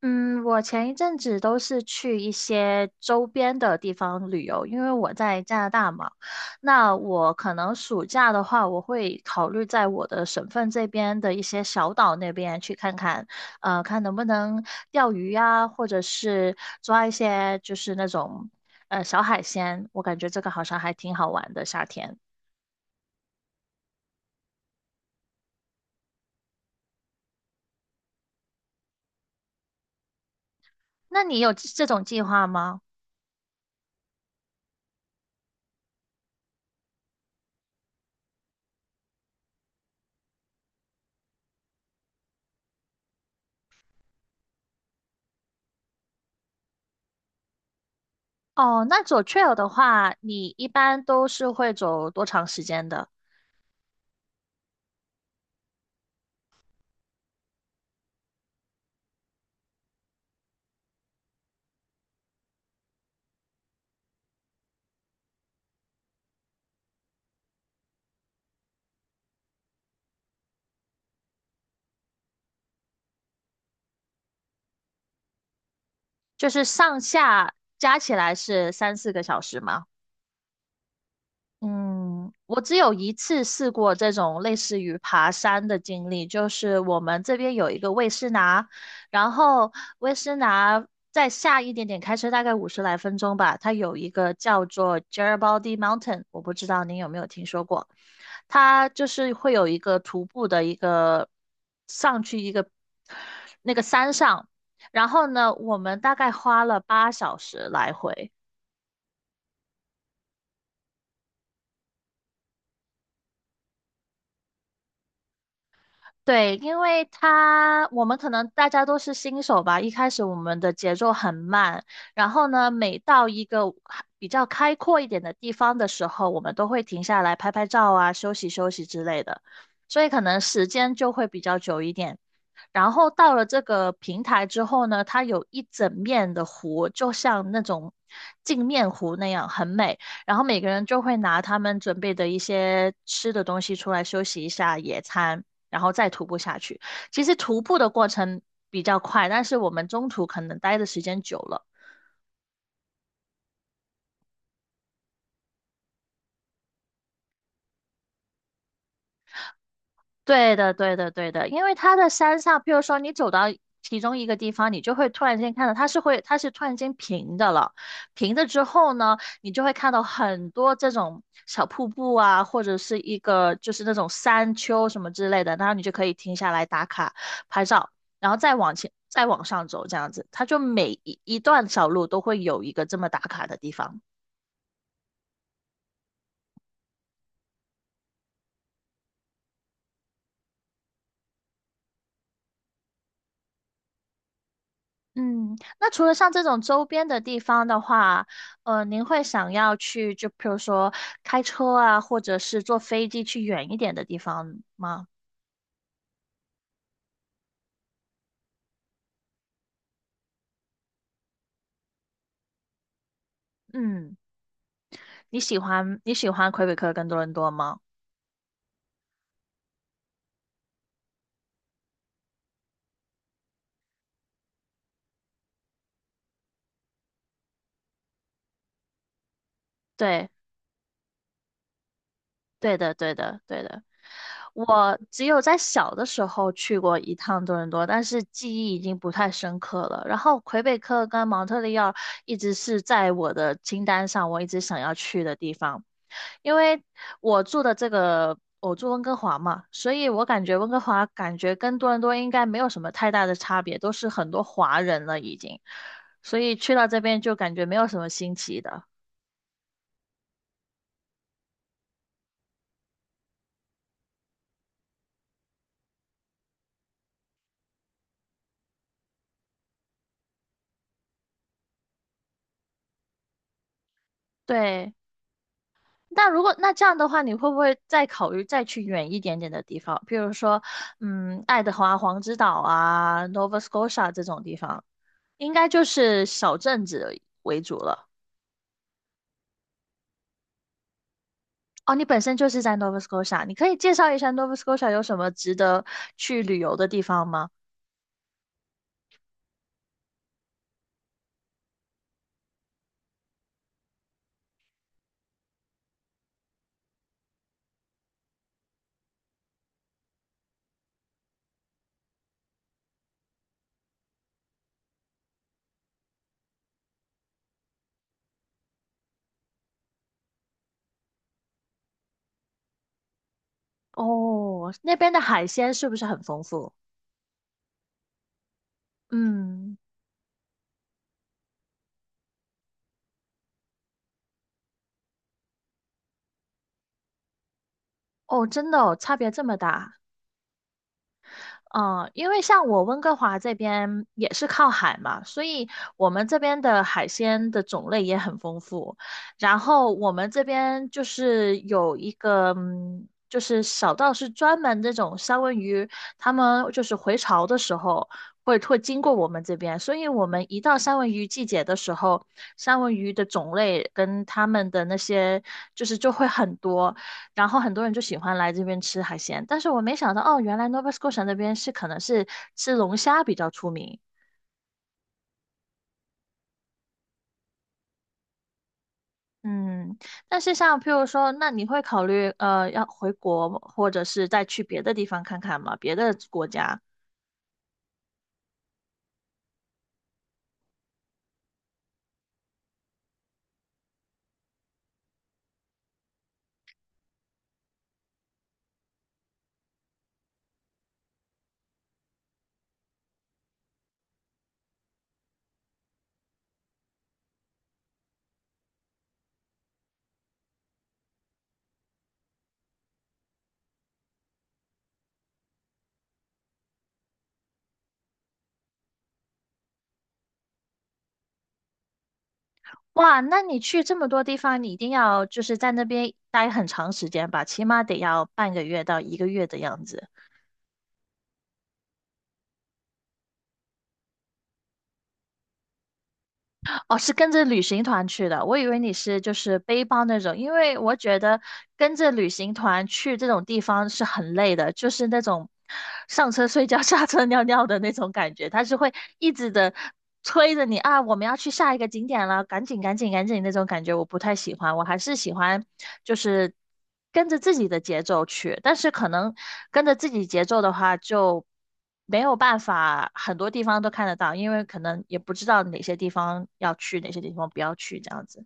嗯，我前一阵子都是去一些周边的地方旅游，因为我在加拿大嘛。那我可能暑假的话，我会考虑在我的省份这边的一些小岛那边去看看，看能不能钓鱼呀，或者是抓一些就是那种小海鲜。我感觉这个好像还挺好玩的，夏天。那你有这种计划吗？哦，那走 trail 的话，你一般都是会走多长时间的？就是上下加起来是三四个小时吗？嗯，我只有一次试过这种类似于爬山的经历，就是我们这边有一个魏斯拿，然后魏斯拿再下一点点，开车大概50来分钟吧，它有一个叫做 Geribody Mountain,我不知道您有没有听说过，它就是会有一个徒步的一个上去一个那个山上，然后呢，我们大概花了8小时来回。对，因为他我们可能大家都是新手吧，一开始我们的节奏很慢，然后呢，每到一个比较开阔一点的地方的时候，我们都会停下来拍拍照啊，休息休息之类的，所以可能时间就会比较久一点。然后到了这个平台之后呢，它有一整面的湖，就像那种镜面湖那样，很美。然后每个人就会拿他们准备的一些吃的东西出来休息一下野餐。然后再徒步下去。其实徒步的过程比较快，但是我们中途可能待的时间久了。对的，对的，对的，因为它的山上，譬如说你走到其中一个地方，你就会突然间看到它是突然间平的了。平的之后呢，你就会看到很多这种小瀑布啊，或者是一个就是那种山丘什么之类的，然后你就可以停下来打卡拍照，然后再往前，再往上走，这样子，它就每一段小路都会有一个这么打卡的地方。嗯，那除了像这种周边的地方的话，您会想要去，就比如说开车啊，或者是坐飞机去远一点的地方吗？嗯，你喜欢魁北克跟多伦多吗？对。对的，对的，对的。我只有在小的时候去过一趟多伦多，但是记忆已经不太深刻了。然后魁北克跟蒙特利尔一直是在我的清单上，我一直想要去的地方。因为我住的这个，我住温哥华嘛，所以我感觉温哥华感觉跟多伦多应该没有什么太大的差别，都是很多华人了已经，所以去到这边就感觉没有什么新奇的。对。那如果那这样的话，你会不会再考虑再去远一点点的地方，比如说，嗯，爱德华黄之岛啊，Nova Scotia 这种地方，应该就是小镇子为主了。哦，你本身就是在 Nova Scotia,你可以介绍一下 Nova Scotia 有什么值得去旅游的地方吗？哦，那边的海鲜是不是很丰富？嗯，哦，真的哦，差别这么大。嗯，因为像我温哥华这边也是靠海嘛，所以我们这边的海鲜的种类也很丰富。然后我们这边就是有一个，嗯，就是小到是专门这种三文鱼，他们就是回潮的时候会经过我们这边，所以我们一到三文鱼季节的时候，三文鱼的种类跟他们的那些就是就会很多。然后很多人就喜欢来这边吃海鲜，但是我没想到哦，原来 Nova Scotia 那边是可能是吃龙虾比较出名。嗯，但是像譬如说，那你会考虑要回国，或者是再去别的地方看看吗？别的国家？哇，那你去这么多地方，你一定要就是在那边待很长时间吧，起码得要半个月到1个月的样子。哦，是跟着旅行团去的，我以为你是就是背包那种，因为我觉得跟着旅行团去这种地方是很累的，就是那种上车睡觉、下车尿尿的那种感觉，他是会一直的催着你啊，我们要去下一个景点了，赶紧、赶紧、赶紧那种感觉，我不太喜欢，我还是喜欢就是跟着自己的节奏去，但是可能跟着自己节奏的话就。没有办法，很多地方都看得到，因为可能也不知道哪些地方要去，哪些地方不要去，这样子。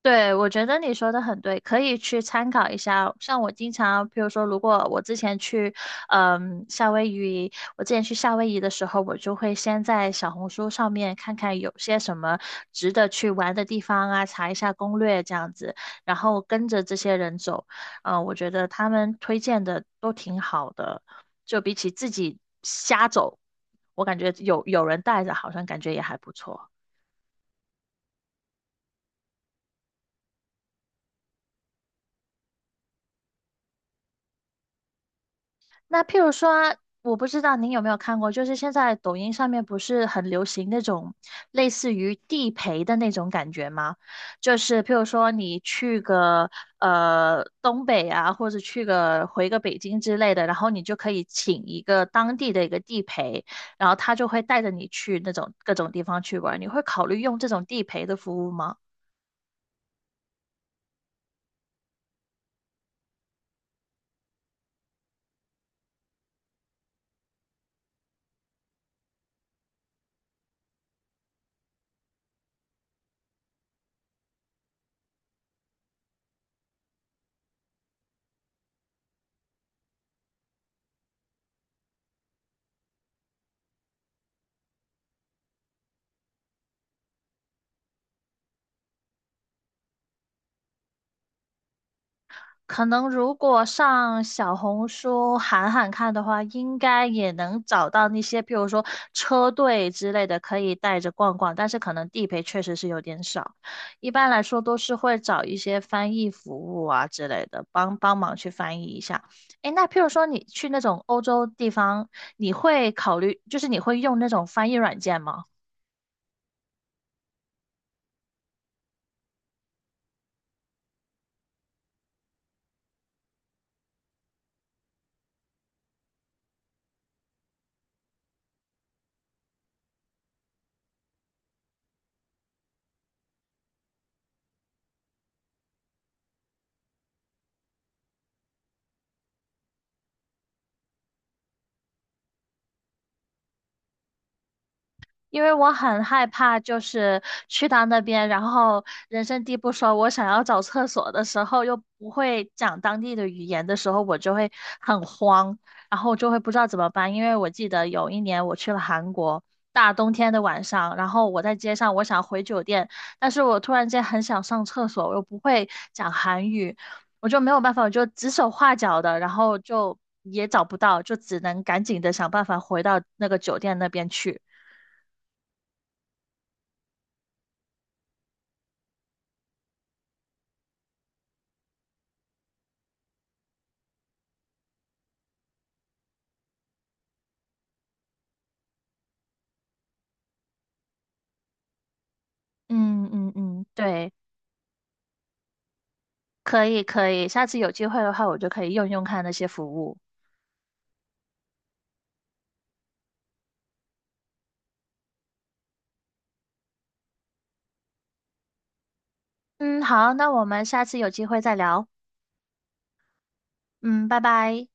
对，我觉得你说的很对，可以去参考一下。像我经常，比如说，如果我之前去，嗯，夏威夷，我之前去夏威夷的时候，我就会先在小红书上面看看有些什么值得去玩的地方啊，查一下攻略这样子，然后跟着这些人走。嗯，我觉得他们推荐的都挺好的，就比起自己瞎走，我感觉有人带着，好像感觉也还不错。那譬如说啊，我不知道您有没有看过，就是现在抖音上面不是很流行那种类似于地陪的那种感觉吗？就是譬如说你去个东北啊，或者回个北京之类的，然后你就可以请一个当地的一个地陪，然后他就会带着你去那种各种地方去玩。你会考虑用这种地陪的服务吗？可能如果上小红书喊喊看的话，应该也能找到那些，譬如说车队之类的，可以带着逛逛。但是可能地陪确实是有点少，一般来说都是会找一些翻译服务啊之类的，帮帮忙去翻译一下。诶，那譬如说你去那种欧洲地方，你会考虑，就是你会用那种翻译软件吗？因为我很害怕，就是去到那边，然后人生地不熟，我想要找厕所的时候又不会讲当地的语言的时候，我就会很慌，然后就会不知道怎么办。因为我记得有一年我去了韩国，大冬天的晚上，然后我在街上，我想回酒店，但是我突然间很想上厕所，我又不会讲韩语，我就没有办法，我就指手画脚的，然后就也找不到，就只能赶紧的想办法回到那个酒店那边去。嗯嗯嗯，对，可以可以，下次有机会的话，我就可以用用看那些服务。嗯，好，那我们下次有机会再聊。嗯，拜拜。